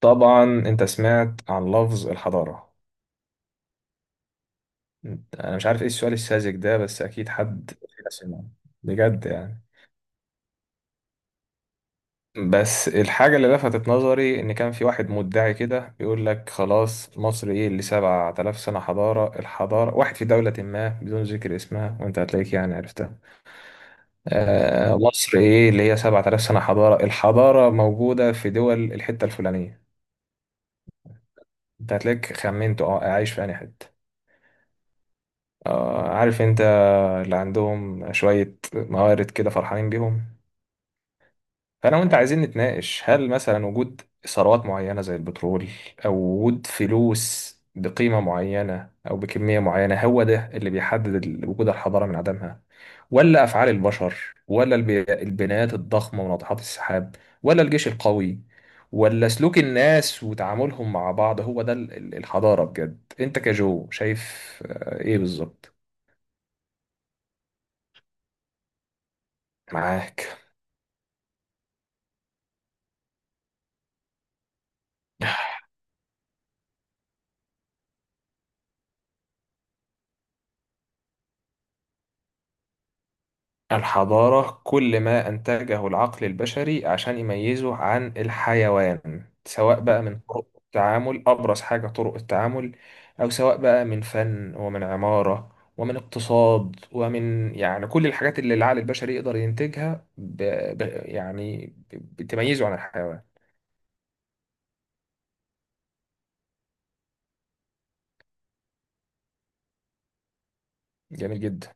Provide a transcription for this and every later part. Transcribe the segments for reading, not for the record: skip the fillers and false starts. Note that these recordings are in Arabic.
طبعا انت سمعت عن لفظ الحضارة. انا مش عارف ايه السؤال الساذج ده، بس اكيد حد فينا سمعه بجد يعني. بس الحاجة اللي لفتت نظري ان كان في واحد مدعي كده بيقول لك خلاص، مصر ايه اللي 7000 سنة حضارة، الحضارة واحد في دولة ما بدون ذكر اسمها، وانت هتلاقيك يعني عرفتها. آه، مصر ايه اللي هي 7000 سنة حضارة، الحضارة موجودة في دول الحتة الفلانية. انت هتلاقيك خمنت، اه عايش في انهي حتة. آه، عارف انت. اللي عندهم شوية موارد كده فرحانين بيهم. فأنا وأنت عايزين نتناقش، هل مثلا وجود ثروات معينة زي البترول، أو وجود فلوس بقيمة معينة أو بكمية معينة، هو ده اللي بيحدد وجود الحضارة من عدمها؟ ولا أفعال البشر، ولا البنايات الضخمة وناطحات السحاب، ولا الجيش القوي، ولا سلوك الناس وتعاملهم مع بعض؟ هو ده الحضارة بجد أنت كجو شايف. آه، إيه بالظبط. معاك. الحضارة كل ما أنتجه العقل البشري عشان يميزه عن الحيوان، سواء بقى من طرق التعامل، أبرز حاجة طرق التعامل، أو سواء بقى من فن ومن عمارة ومن اقتصاد، ومن يعني كل الحاجات اللي العقل البشري يقدر ينتجها، بتميزه عن الحيوان. جميل جدا.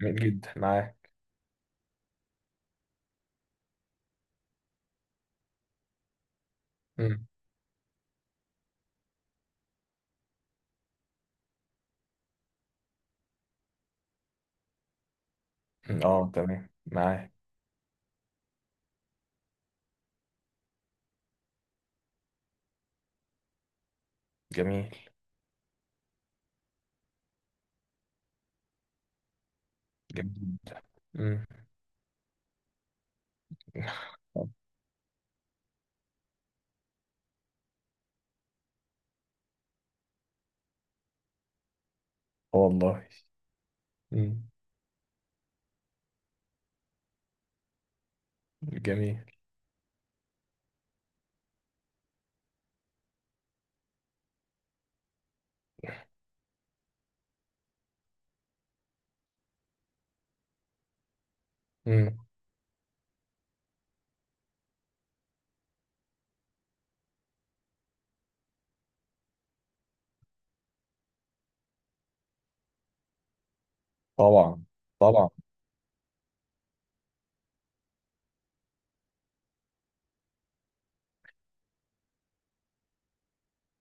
جميل جدا معاه. مم. مم. اه، تمام معاه. جميل. جميل جدا. مم. والله. مم. جميل. مم. طبعا. طبعا.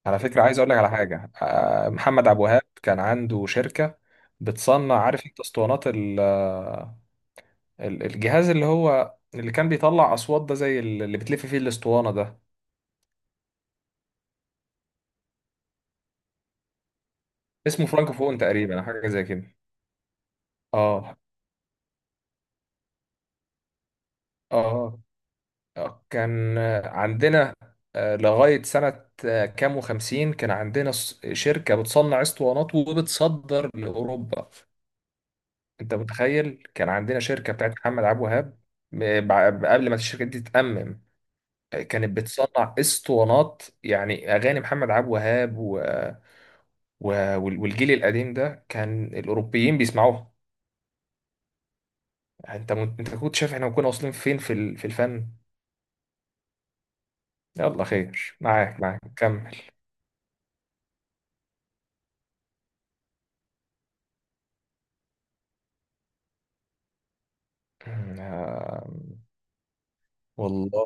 على فكرة عايز اقول لك على حاجة، محمد عبد الوهاب كان عنده شركة بتصنع، عارف انت، اسطوانات الجهاز اللي هو اللي كان بيطلع اصوات ده، زي اللي بتلف فيه الاسطوانة ده. اسمه فرانكوفون تقريبا، أو حاجة زي كده. اه. اه. آه، كان آه، عندنا، لغاية سنة كام وخمسين، كان عندنا شركة بتصنع اسطوانات وبتصدر لأوروبا. انت متخيل كان عندنا شركه بتاعت محمد عبد الوهاب؟ قبل ما الشركه دي تتأمم كانت بتصنع اسطوانات، يعني اغاني محمد عبد الوهاب و... والجيل القديم ده، كان الاوروبيين بيسمعوها. يعني انت كنت شايف احنا كنا واصلين فين في في الفن. يلا خير معاك، كمل. آم. والله.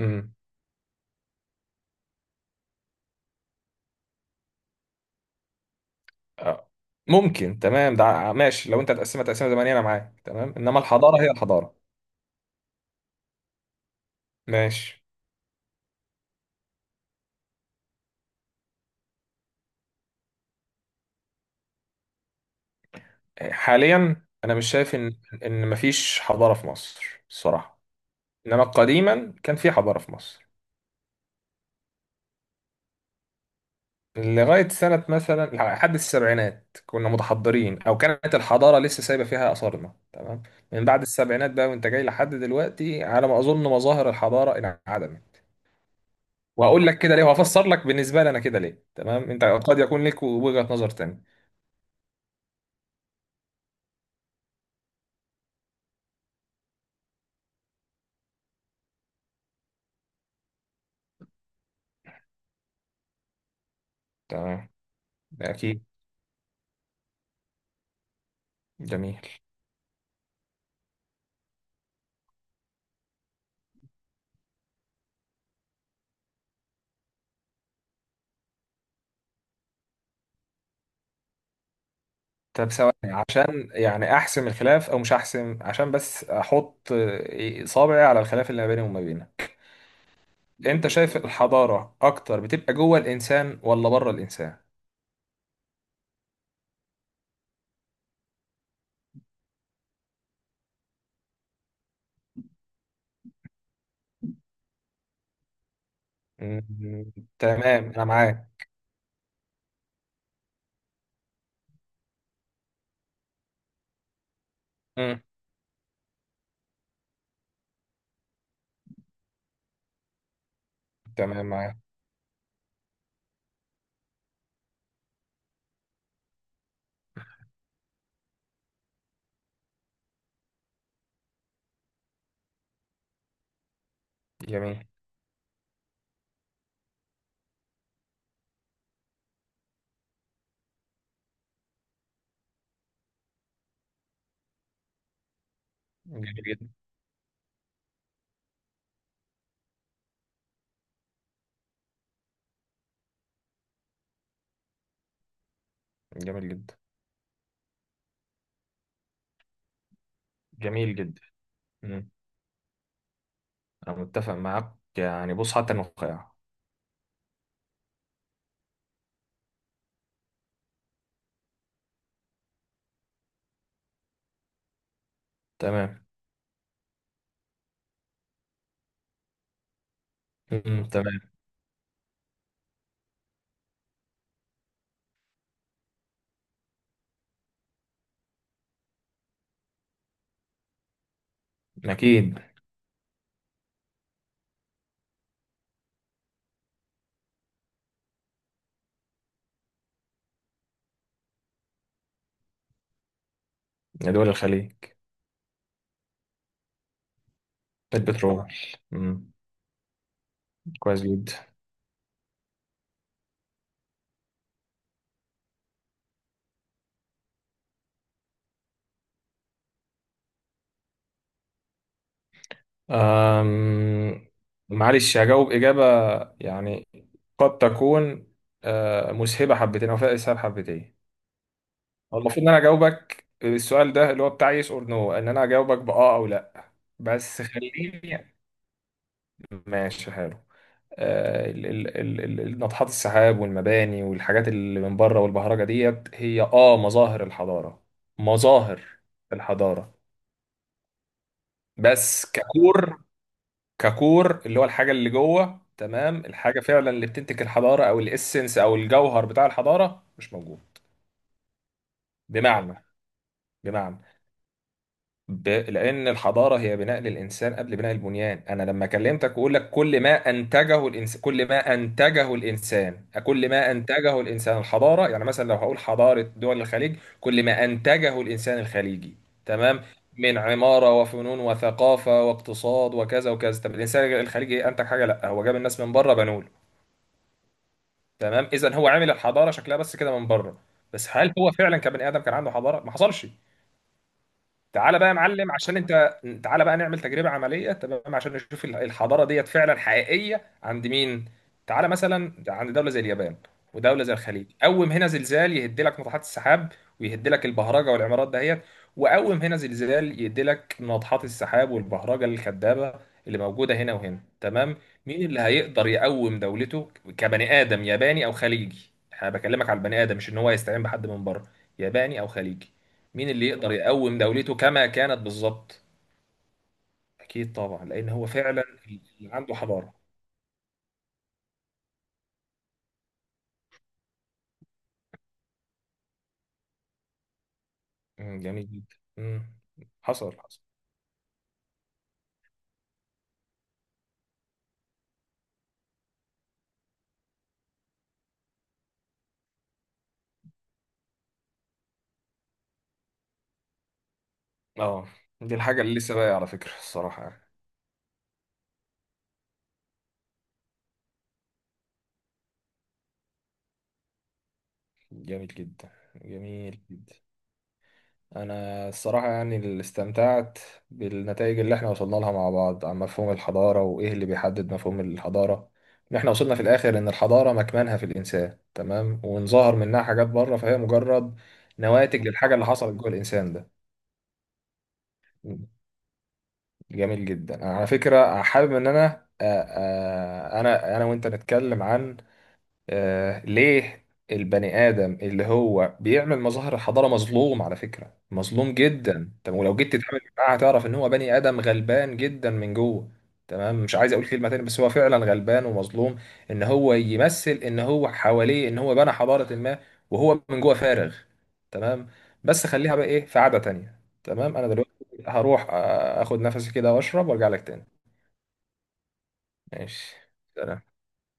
امم. آه، ممكن، تمام ده، ماشي. لو انت هتقسمها تقسمها زمنية انا معاك تمام، انما الحضاره هي الحضاره. ماشي. حاليا انا مش شايف ان مفيش حضاره في مصر الصراحه، انما قديما كان في حضاره في مصر. لغايه سنه مثلا لحد السبعينات كنا متحضرين، او كانت الحضاره لسه سايبه فيها اثارنا تمام. من بعد السبعينات بقى، وانت جاي لحد دلوقتي، على ما اظن مظاهر الحضاره انعدمت. وهقول لك كده ليه، وهفسر لك بالنسبه لي انا كده ليه، تمام. انت قد يكون لك وجهه نظر تانية. تمام. اكيد. جميل. طب ثواني، عشان يعني احسم الخلاف، او مش احسم، عشان بس احط صابعي على الخلاف اللي ما بيني وما بينك. انت شايف الحضارة اكتر بتبقى جوه الانسان ولا بره الانسان؟ مم، تمام انا معاك. مم، تمام معاك. جميل. جميل جدا. جميل جدا. جميل جدا. مم، انا متفق معاك، يعني بص حتى النخاع. تمام. مم، تمام. اكيد. يا دول الخليج. البترول. مم، كويس جدا. أم. معلش هجاوب إجابة يعني، قد تكون مسهبة حبتين أو فيها إسهاب حبتين. هو المفروض إن أنا أجاوبك السؤال ده، اللي هو بتاع يس أور نو، إن أنا أجاوبك بأه أو لأ. بس خليني. ماشي، حلو. ناطحات السحاب والمباني والحاجات اللي من بره والبهرجة ديت، هي مظاهر الحضارة. مظاهر الحضارة بس، ككور. ككور اللي هو الحاجة اللي جوه، تمام، الحاجة فعلا اللي بتنتج الحضارة، أو الإسنس أو الجوهر بتاع الحضارة، مش موجود. بمعنى. بمعنى لأن الحضارة هي بناء للإنسان قبل بناء البنيان. أنا لما كلمتك وأقول لك كل ما أنتجه كل ما أنتجه الإنسان الحضارة، يعني مثلا لو هقول حضارة دول الخليج، كل ما أنتجه الإنسان الخليجي. تمام. من عمارة وفنون وثقافة واقتصاد وكذا وكذا، طب الإنسان الخليجي إيه أنتج؟ حاجة لا، هو جاب الناس من بره بنوا له. تمام، اذا هو عامل الحضاره شكلها بس كده من بره. بس هل هو فعلا كبني ادم كان عنده حضاره؟ ما حصلش. تعالى بقى يا معلم، عشان انت تعالى بقى نعمل تجربة عملية، تمام، عشان نشوف الحضارة ديت فعلا حقيقية عند مين. تعالى مثلا عند دولة زي اليابان، ودولة زي الخليج. قوم هنا زلزال يهد لك ناطحات السحاب، ويهد لك البهرجة والعمارات دهيت، وقوم هنا زلزال يهد لك ناطحات السحاب والبهرجة الكدابة اللي موجودة هنا وهنا، تمام. مين اللي هيقدر يقوم دولته كبني آدم ياباني أو خليجي؟ انا بكلمك على البني آدم، مش ان هو يستعين بحد من بره. ياباني أو خليجي، مين اللي يقدر يقوم دولته كما كانت بالظبط؟ اكيد طبعا، لان هو فعلا اللي عنده حضاره. مم، جميل جدا. مم، حصل حصل. اه، دي الحاجه اللي لسه باقيه على فكره الصراحه يعني. جميل جدا. جميل جدا. انا الصراحه يعني اللي استمتعت بالنتائج اللي احنا وصلنا لها مع بعض عن مفهوم الحضاره، وايه اللي بيحدد مفهوم الحضاره، ان احنا وصلنا في الاخر ان الحضاره مكمنها في الانسان، تمام، وان ظهر منها حاجات بره فهي مجرد نواتج للحاجه اللي حصلت جوه الانسان ده. جميل جدا. انا على فكره حابب ان انا وانت نتكلم عن ليه البني آدم اللي هو بيعمل مظاهر حضارة مظلوم. على فكرة مظلوم جدا، طب ولو جيت تتعامل معاه هتعرف إن هو بني آدم غلبان جدا من جوه. تمام، مش عايز أقول كلمة تاني، بس هو فعلا غلبان ومظلوم. إن هو يمثل إن هو حواليه إن هو بنى حضارة ما، وهو من جوه فارغ. تمام. بس خليها بقى إيه في قعدة تانية، تمام، أنا دلوقتي هروح آخد نفسي كده وأشرب وأرجع لك تاني. ماشي. سلام.